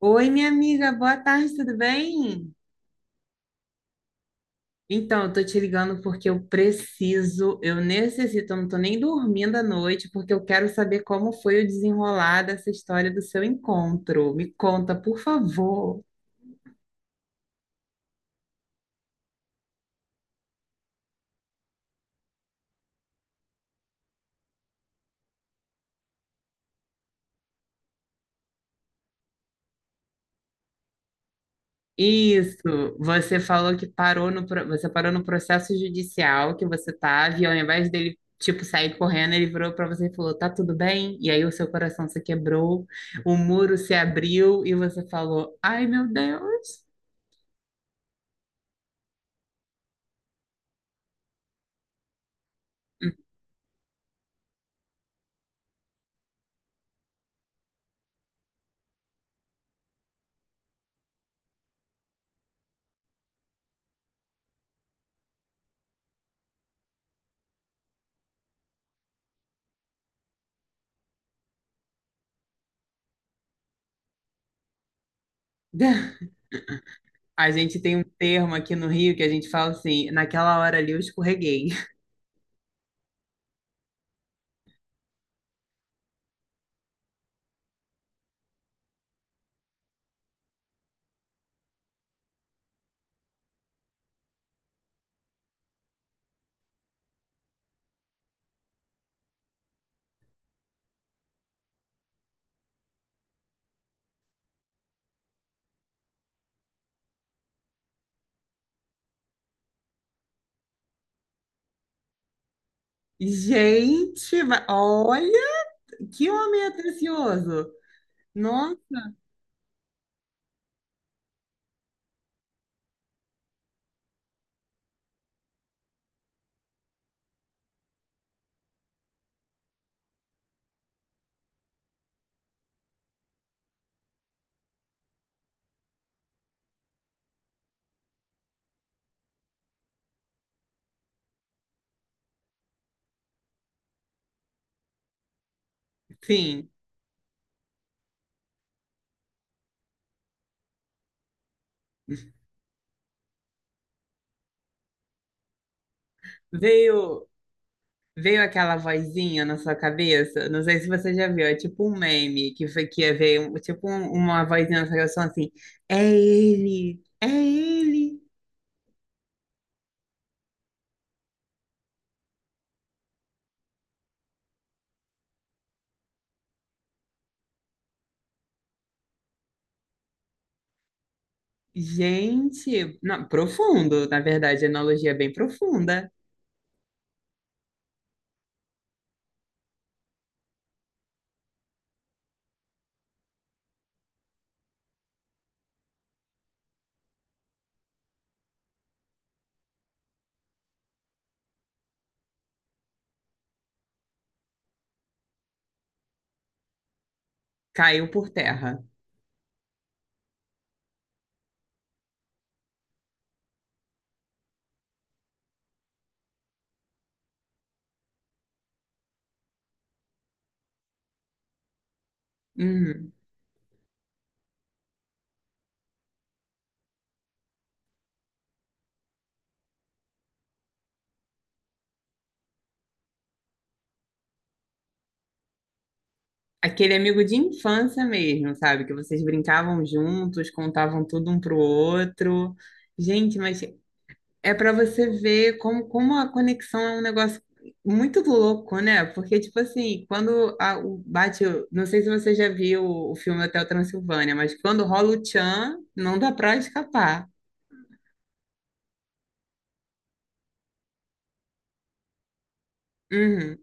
Oi, minha amiga, boa tarde, tudo bem? Então, eu tô te ligando porque eu preciso, eu necessito, eu não tô nem dormindo à noite, porque eu quero saber como foi o desenrolar dessa história do seu encontro. Me conta, por favor. Isso, você falou que parou no, você parou no processo judicial que você tava, e ao invés dele, tipo, sair correndo, ele virou pra você e falou, tá tudo bem? E aí o seu coração se quebrou, o muro se abriu e você falou, ai, meu Deus. A gente tem um termo aqui no Rio que a gente fala assim, naquela hora ali eu escorreguei. Gente, olha que homem atencioso. Nossa, sim. Veio veio aquela vozinha na sua cabeça, não sei se você já viu, é tipo um meme que foi que é, veio, uma vozinha na sua cabeça falando assim: "É ele, é ele". Gente, não, profundo, na verdade, a analogia é bem profunda. Caiu por terra. Uhum. Aquele amigo de infância mesmo, sabe? Que vocês brincavam juntos, contavam tudo um pro outro. Gente, mas é para você ver como, como a conexão é um negócio muito louco, né? Porque, tipo assim, o bate. Não sei se você já viu o filme Hotel Transilvânia, mas quando rola o tchan, não dá pra escapar. Uhum,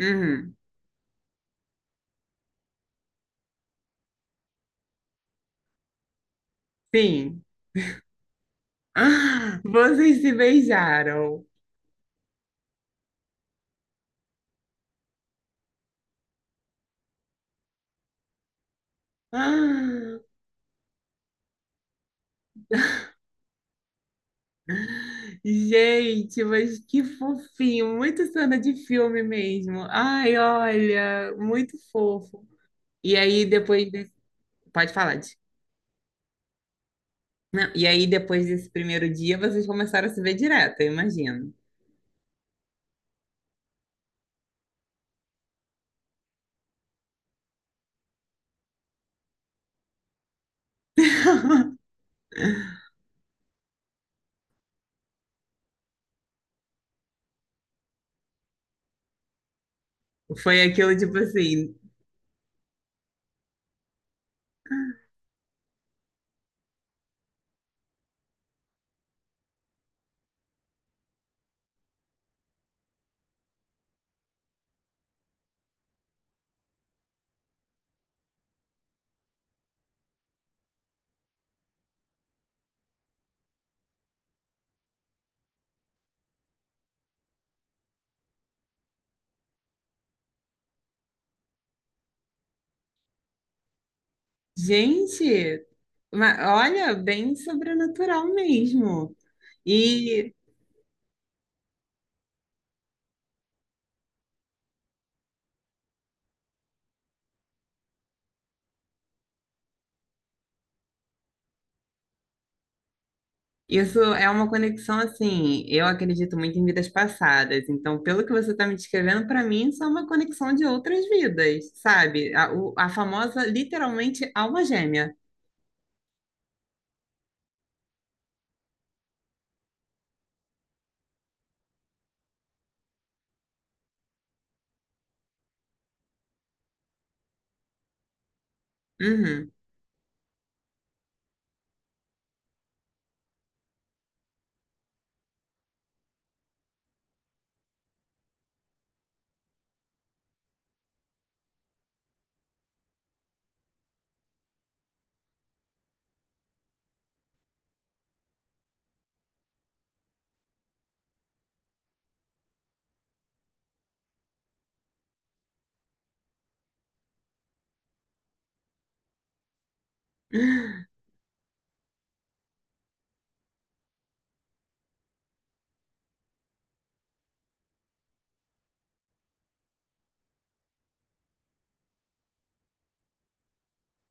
uhum. Sim. Ah, vocês se beijaram. Ah. Gente, mas que fofinho, muito cena de filme mesmo. Ai, olha, muito fofo. E aí depois desse... Pode falar, Di. Não, e aí depois desse primeiro dia, vocês começaram a se ver direto, eu imagino. Foi aquilo tipo assim, gente, olha, bem sobrenatural mesmo. Isso é uma conexão assim. Eu acredito muito em vidas passadas. Então, pelo que você está me descrevendo, para mim, isso é uma conexão de outras vidas, sabe? A famosa, literalmente, alma gêmea. Uhum.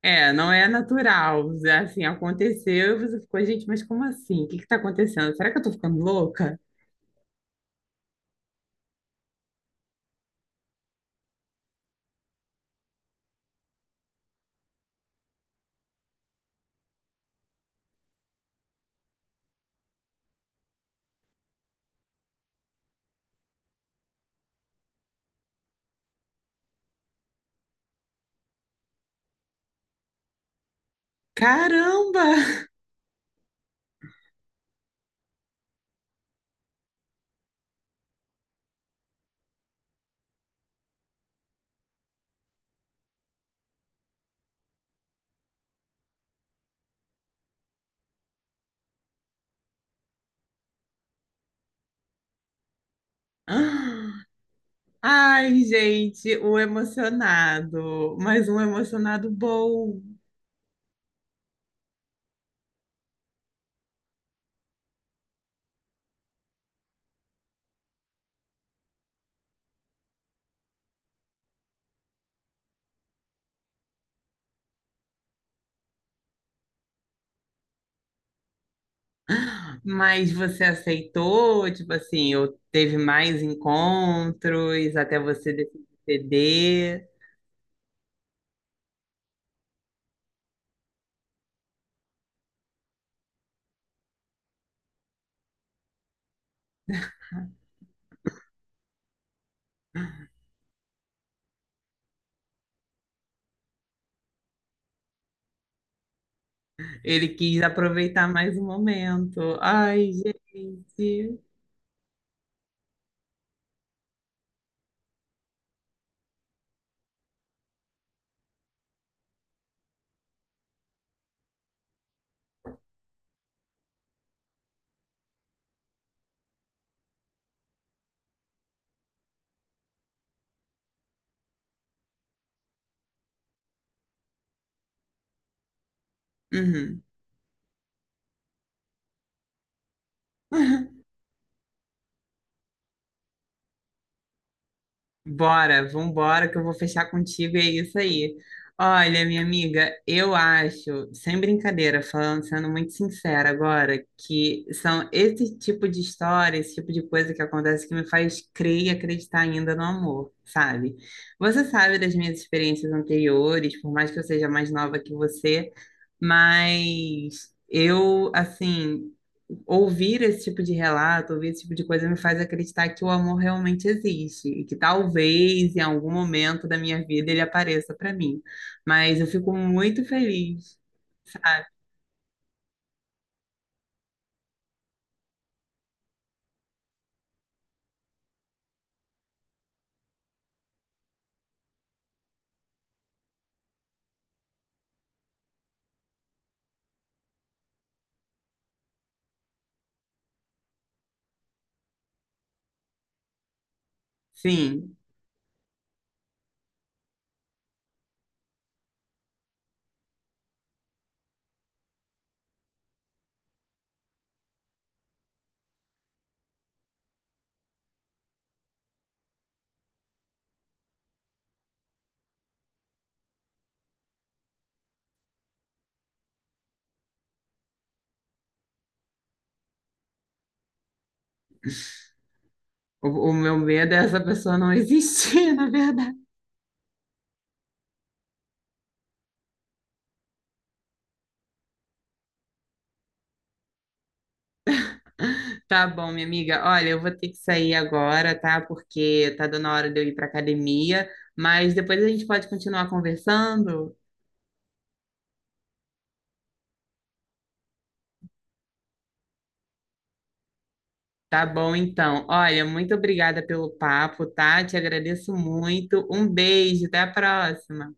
É, não é natural. Assim, aconteceu e você ficou, gente, mas como assim? O que está acontecendo? Será que eu tô ficando louca? Caramba! Ai, gente, o emocionado. Mais um emocionado bom. Mas você aceitou? Tipo assim, ou teve mais encontros até você decidir ceder? Ele quis aproveitar mais o momento. Ai, gente. Uhum. Bora, vambora, que eu vou fechar contigo, e é isso aí. Olha, minha amiga, eu acho, sem brincadeira, falando, sendo muito sincera agora, que são esse tipo de história, esse tipo de coisa que acontece que me faz crer e acreditar ainda no amor, sabe? Você sabe das minhas experiências anteriores, por mais que eu seja mais nova que você, mas eu, assim, ouvir esse tipo de relato, ouvir esse tipo de coisa me faz acreditar que o amor realmente existe e que talvez em algum momento da minha vida ele apareça para mim. Mas eu fico muito feliz, sabe? Sim. O meu medo é essa pessoa não existir, na verdade. Tá bom, minha amiga. Olha, eu vou ter que sair agora, tá? Porque tá dando a hora de eu ir para academia, mas depois a gente pode continuar conversando. Tá bom, então. Olha, muito obrigada pelo papo, tá? Te agradeço muito. Um beijo, até a próxima.